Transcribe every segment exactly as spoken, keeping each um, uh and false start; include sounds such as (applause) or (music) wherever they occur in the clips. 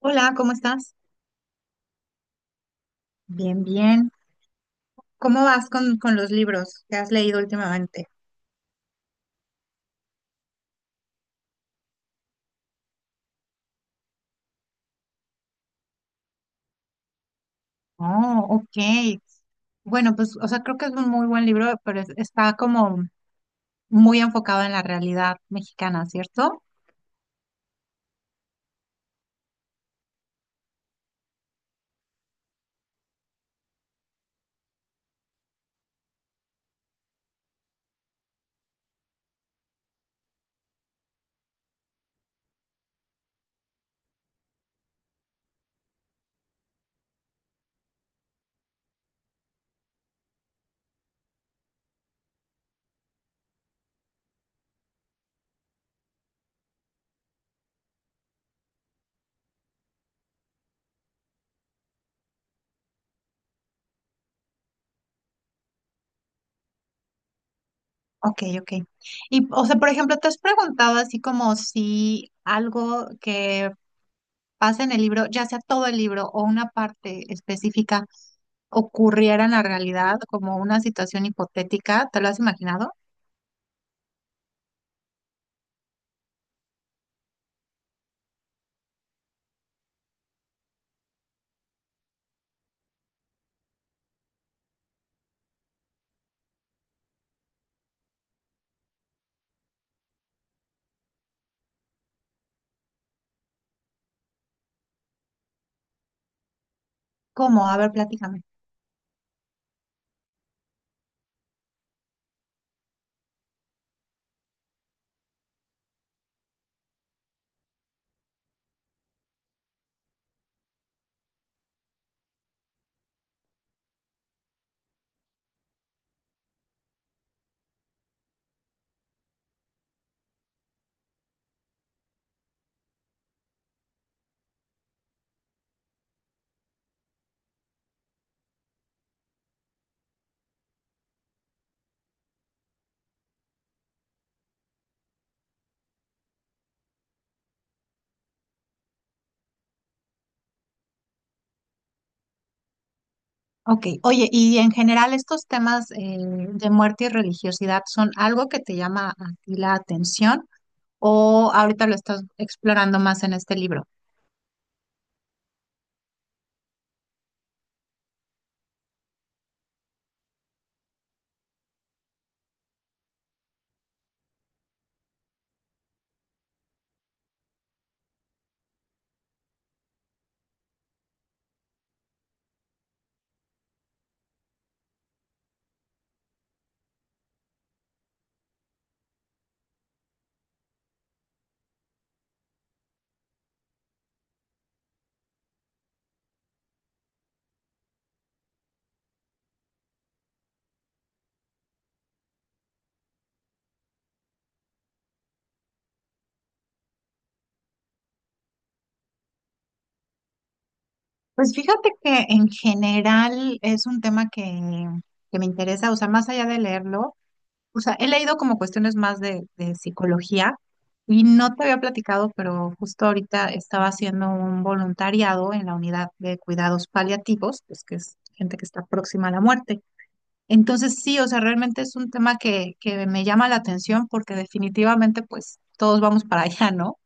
Hola, ¿cómo estás? Bien, bien. ¿Cómo vas con, con los libros que has leído últimamente? Oh, ok. Bueno, pues, o sea, creo que es un muy buen libro, pero es- está como muy enfocado en la realidad mexicana, ¿cierto? Ok, ok. Y, o sea, por ejemplo, ¿te has preguntado así como si algo que pasa en el libro, ya sea todo el libro o una parte específica, ocurriera en la realidad, como una situación hipotética? ¿Te lo has imaginado? ¿Cómo? A ver, platícame. Ok, oye, y en general estos temas eh, de muerte y religiosidad son algo que te llama a ti la atención o ahorita lo estás explorando más en este libro. Pues fíjate que en general es un tema que, que me interesa, o sea, más allá de leerlo, o sea, he leído como cuestiones más de, de psicología y no te había platicado, pero justo ahorita estaba haciendo un voluntariado en la unidad de cuidados paliativos, pues que es gente que está próxima a la muerte. Entonces sí, o sea, realmente es un tema que, que me llama la atención porque definitivamente pues todos vamos para allá, ¿no?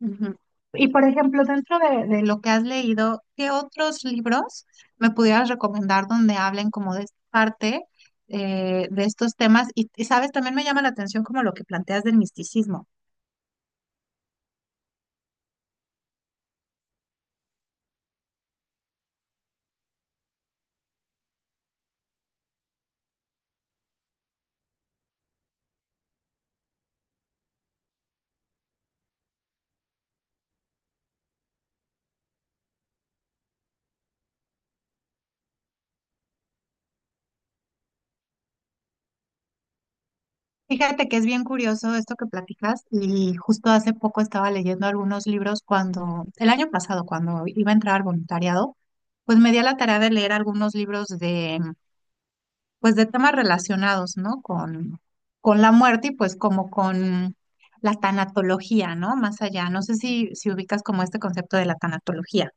Ujú. Y por ejemplo, dentro de, de lo que has leído, ¿qué otros libros me pudieras recomendar donde hablen como de esta parte, eh, de estos temas? Y, y, sabes, también me llama la atención como lo que planteas del misticismo. Fíjate que es bien curioso esto que platicas y justo hace poco estaba leyendo algunos libros cuando, el año pasado, cuando iba a entrar al voluntariado, pues me di a la tarea de leer algunos libros de, pues de temas relacionados, ¿no? Con, con la muerte y pues como con la tanatología, ¿no? Más allá. No sé si, si ubicas como este concepto de la tanatología.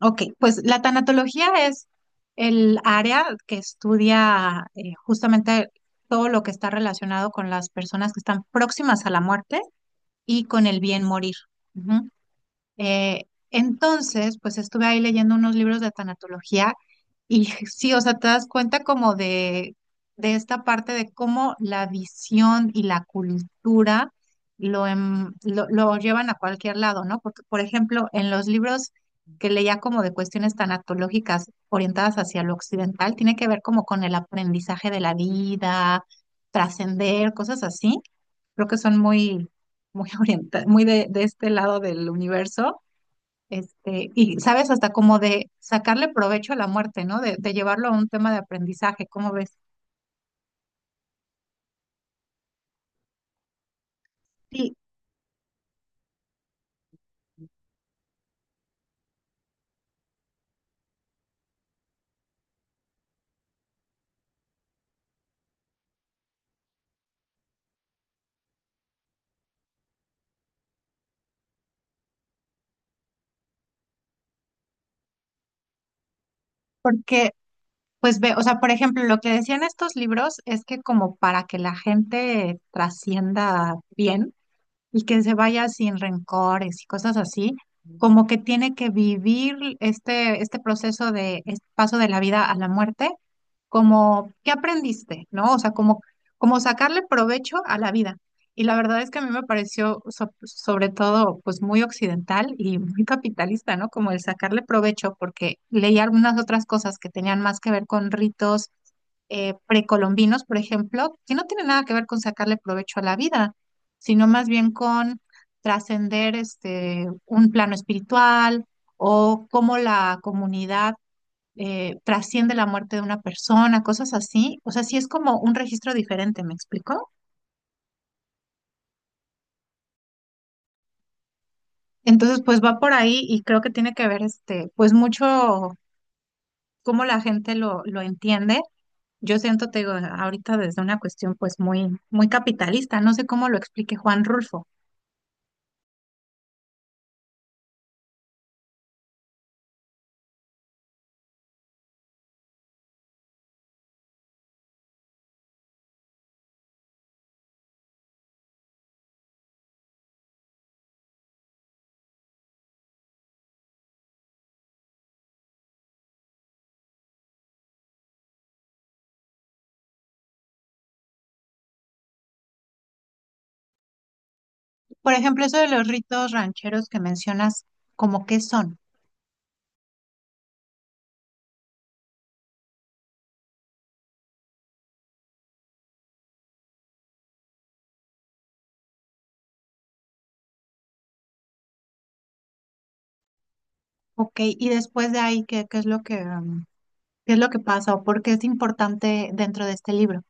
Ok, pues la tanatología es el área que estudia eh, justamente todo lo que está relacionado con las personas que están próximas a la muerte y con el bien morir. Ujú. Eh, entonces, pues estuve ahí leyendo unos libros de tanatología y (laughs) sí, o sea, te das cuenta como de, de esta parte de cómo la visión y la cultura lo, em- lo, lo llevan a cualquier lado, ¿no? Porque, por ejemplo, en los libros que leía como de cuestiones tanatológicas orientadas hacia lo occidental, tiene que ver como con el aprendizaje de la vida, trascender, cosas así. Creo que son muy, muy (laughs) orienta- muy de de este lado del universo. Este, y sabes, hasta como de sacarle provecho a la muerte, ¿no? De, de llevarlo a un tema de aprendizaje, ¿cómo ves? Sí. Porque, pues ve, o sea, por ejemplo, lo que decían estos libros es que como para que la gente trascienda bien, y que se vaya sin rencores y cosas así, como que tiene que vivir este, este proceso de este paso de la vida a la muerte, como, ¿qué aprendiste? ¿No? O sea, como, como sacarle provecho a la vida. Y la verdad es que a mí me pareció so- sobre todo pues muy occidental y muy capitalista, ¿no? Como el sacarle provecho, porque leí algunas otras cosas que tenían más que ver con ritos eh, precolombinos, por ejemplo, que no tienen nada que ver con sacarle provecho a la vida sino más bien con trascender este, un plano espiritual o cómo la comunidad eh, trasciende la muerte de una persona, cosas así. O sea, sí es como un registro diferente, ¿me explico? Entonces, pues va por ahí y creo que tiene que ver este, pues mucho cómo la gente lo, lo entiende. Yo siento, te digo, ahorita desde una cuestión pues muy, muy capitalista, no sé cómo lo explique Juan Rulfo. Por ejemplo, eso de los ritos rancheros que mencionas, ¿cómo qué son? Ok, y después de ahí, ¿qué, qué es lo que, um, qué es lo que pasa o por qué es importante dentro de este libro?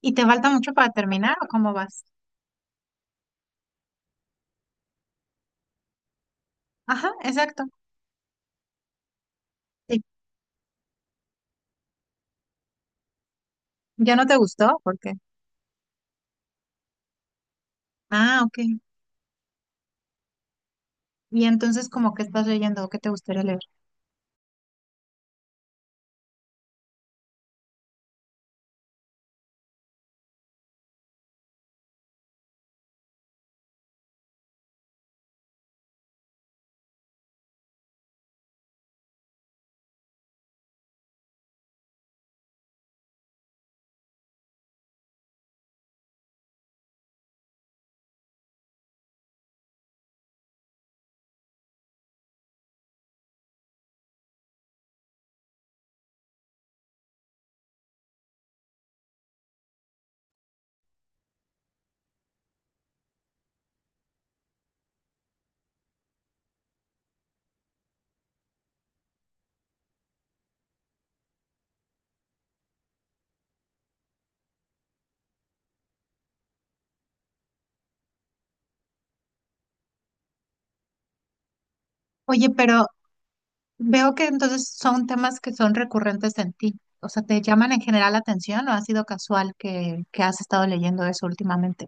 ¿Y te falta mucho para terminar o cómo vas? Ajá, exacto. Sí. ¿Ya no te gustó? ¿Por qué? Ah, ok. Y entonces, ¿como que estás leyendo o qué te gustaría leer? Oye, pero veo que entonces son temas que son recurrentes en ti. O sea, ¿te llaman en general la atención o ha sido casual que, que has estado leyendo eso últimamente?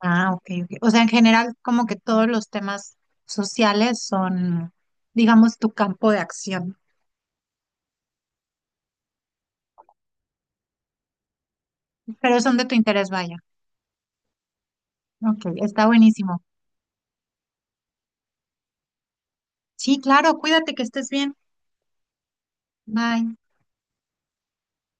Ah, ok, ok. O sea, en general, como que todos los temas sociales son, digamos, tu campo de acción, pero son de tu interés, vaya. Ok, está buenísimo. Sí, claro, cuídate, que estés bien. Bye.